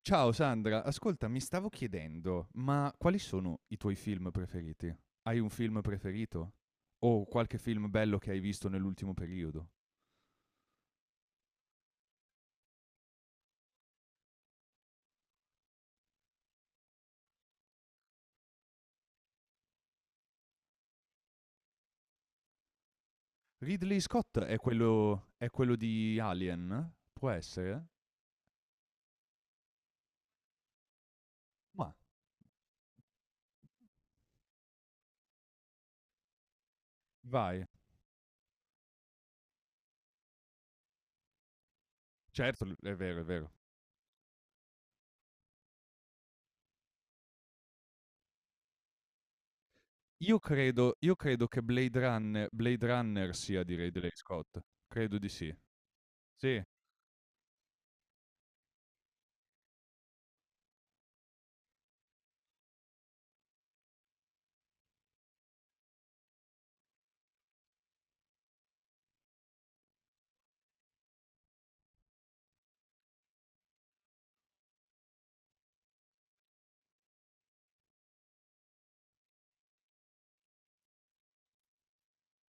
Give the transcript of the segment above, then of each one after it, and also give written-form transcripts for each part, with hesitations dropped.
Ciao Sandra, ascolta, mi stavo chiedendo, ma quali sono i tuoi film preferiti? Hai un film preferito? O qualche film bello che hai visto nell'ultimo periodo? Ridley Scott è quello di Alien? Può essere? Ma vai. Certo, è vero, è vero. Io credo che Blade Runner sia di Ridley Scott. Credo di sì. Sì,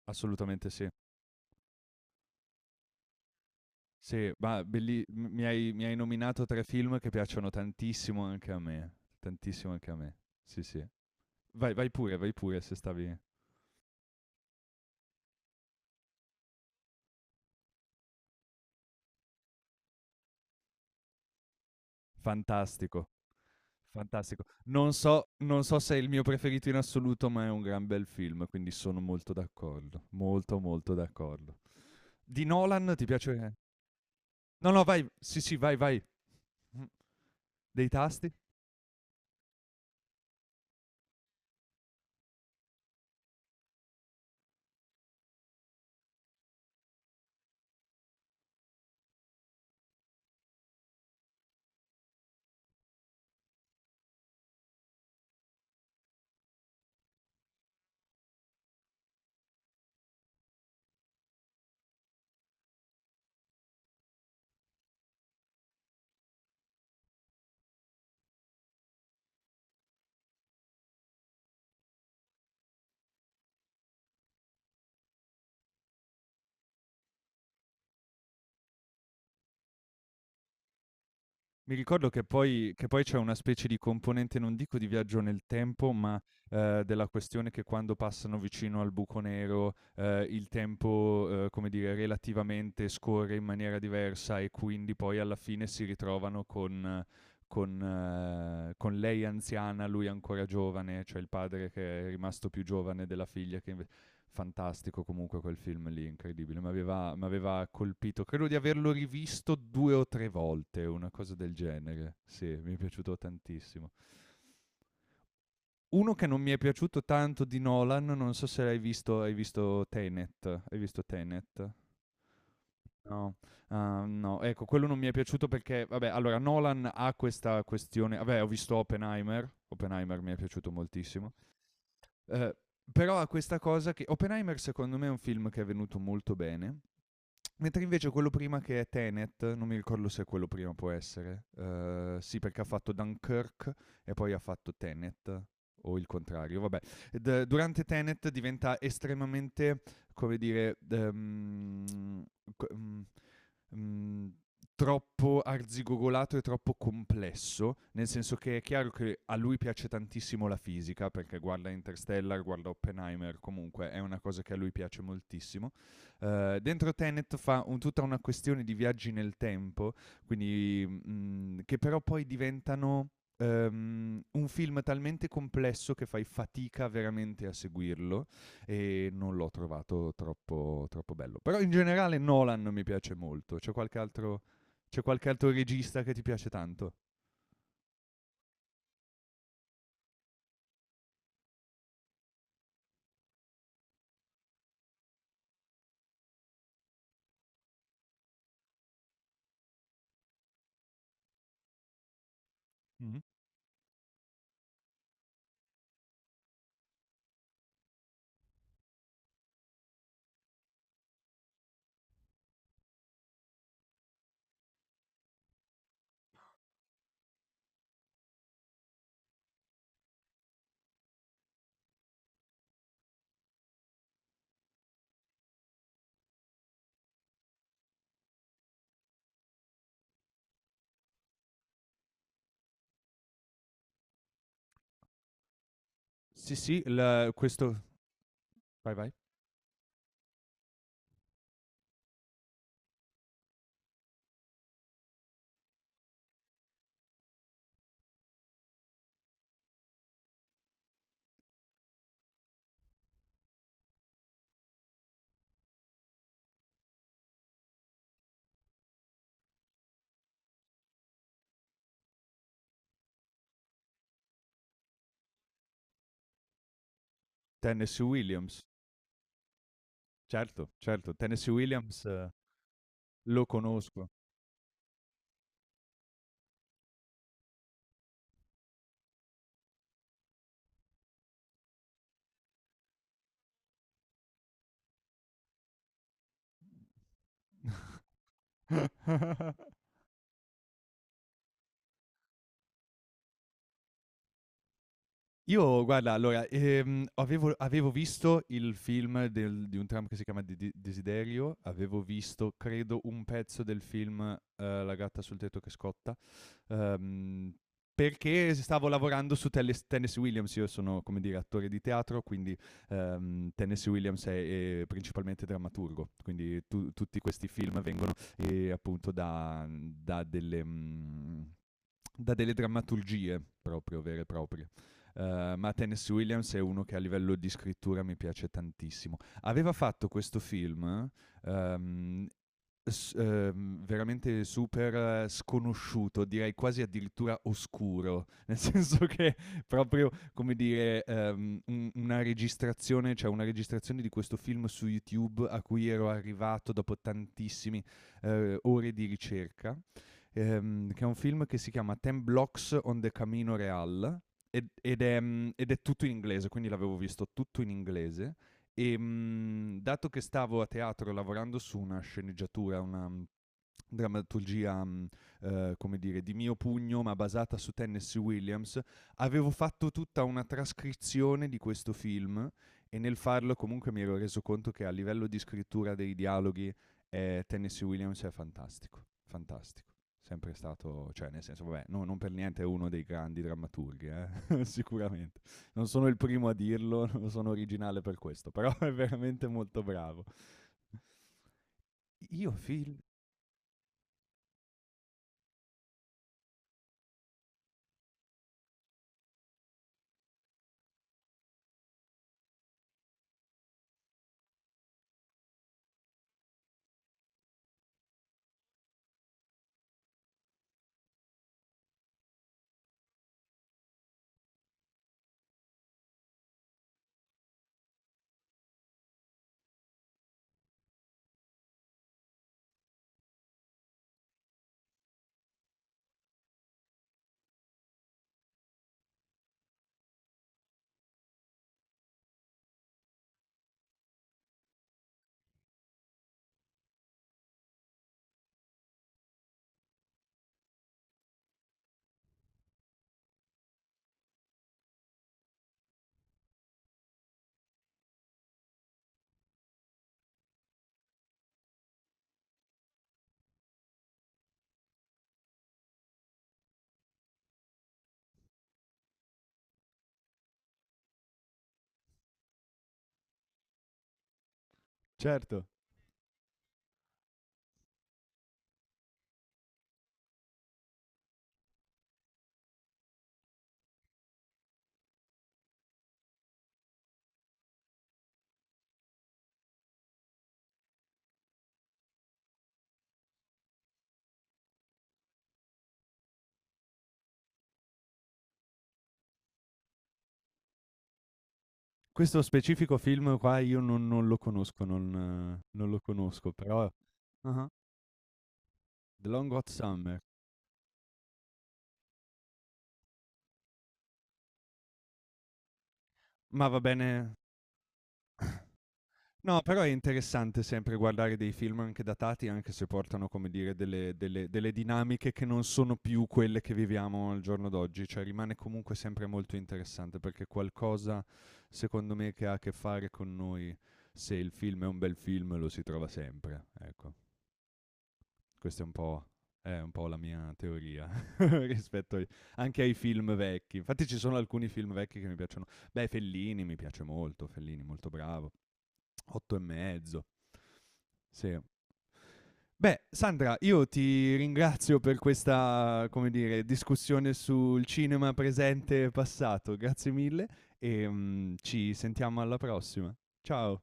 assolutamente sì. Sì, ma belli m mi hai nominato 3 film che piacciono tantissimo anche a me, tantissimo anche a me. Sì, sì. Vai, vai pure se stavi fantastico, fantastico. Non so se è il mio preferito in assoluto, ma è un gran bel film, quindi sono molto d'accordo, molto, molto d'accordo. Di Nolan ti piace no, no, vai, sì, sì, vai, vai. Mh, dei tasti? Mi ricordo che poi c'è una specie di componente, non dico di viaggio nel tempo, ma, della questione che quando passano vicino al buco nero, il tempo, come dire, relativamente scorre in maniera diversa e quindi poi alla fine si ritrovano con con lei anziana, lui ancora giovane, cioè il padre che è rimasto più giovane della figlia che inve. Fantastico comunque quel film lì, incredibile. Mi aveva colpito, credo di averlo rivisto due o tre volte, una cosa del genere. Sì, mi è piaciuto tantissimo. Uno che non mi è piaciuto tanto di Nolan, non so se l'hai visto, hai visto Tenet. Hai visto Tenet? No, no, ecco, quello non mi è piaciuto perché, vabbè, allora Nolan ha questa questione, vabbè, ho visto Oppenheimer, Oppenheimer mi è piaciuto moltissimo. Eh, Però ha questa cosa che Oppenheimer secondo me è un film che è venuto molto bene, mentre invece quello prima che è Tenet, non mi ricordo se quello prima può essere. Sì, perché ha fatto Dunkirk e poi ha fatto Tenet, o il contrario, vabbè. Durante Tenet diventa estremamente, come dire, co- mm, mm, troppo arzigogolato e troppo complesso, nel senso che è chiaro che a lui piace tantissimo la fisica, perché guarda Interstellar, guarda Oppenheimer, comunque è una cosa che a lui piace moltissimo. Dentro Tenet fa tutta una questione di viaggi nel tempo, quindi, che però poi diventano un film talmente complesso che fai fatica veramente a seguirlo e non l'ho trovato troppo, troppo bello. Però in generale Nolan mi piace molto. C'è qualche altro regista che ti piace tanto? Mm-hmm. Sì, sì, questo... Vai, vai. Tennessee Williams. Certo, certo, Tennessee Williams, lo conosco. Io guarda, allora, avevo visto il film del di un tram che si chiama De De Desiderio, avevo visto credo un pezzo del film, La gatta sul tetto che scotta, uhm, perché s stavo lavorando su Telles Tennessee Williams. Io sono, come dire, attore di teatro, quindi, Tennessee Williams è principalmente drammaturgo, quindi tu tutti questi film vengono, appunto da delle da delle drammaturgie proprio vere e proprie. Ma Tennessee Williams è uno che a livello di scrittura mi piace tantissimo. Aveva fatto questo film ehm, veramente super sconosciuto, direi quasi addirittura oscuro, nel senso che proprio come dire una registrazione, cioè una registrazione di questo film su YouTube a cui ero arrivato dopo tantissime ore di ricerca. Che è un film che si chiama Ten Blocks on the Camino Real ed è, ed è tutto in inglese, quindi l'avevo visto tutto in inglese. E, dato che stavo a teatro lavorando su una sceneggiatura, una drammaturgia, come dire, di mio pugno, ma basata su Tennessee Williams, avevo fatto tutta una trascrizione di questo film e nel farlo comunque mi ero reso conto che a livello di scrittura dei dialoghi, Tennessee Williams è fantastico, fantastico, sempre stato, cioè nel senso, vabbè, non per niente è uno dei grandi drammaturghi, sicuramente. Non sono il primo a dirlo, non sono originale per questo, però è veramente molto bravo. Io film, certo, questo specifico film qua io non lo conosco, non lo conosco, però... Ah, The Long Hot Summer. Ma va bene. No, però è interessante sempre guardare dei film anche datati, anche se portano, come dire, delle dinamiche che non sono più quelle che viviamo al giorno d'oggi, cioè rimane comunque sempre molto interessante perché qualcosa, secondo me, che ha a che fare con noi, se il film è un bel film, lo si trova sempre. Ecco, questa è un po' la mia teoria rispetto anche ai film vecchi. Infatti ci sono alcuni film vecchi che mi piacciono. Beh, Fellini mi piace molto, Fellini molto bravo, Otto e mezzo. Sì, beh, Sandra, io ti ringrazio per questa, come dire, discussione sul cinema presente e passato. Grazie mille e, ci sentiamo alla prossima. Ciao.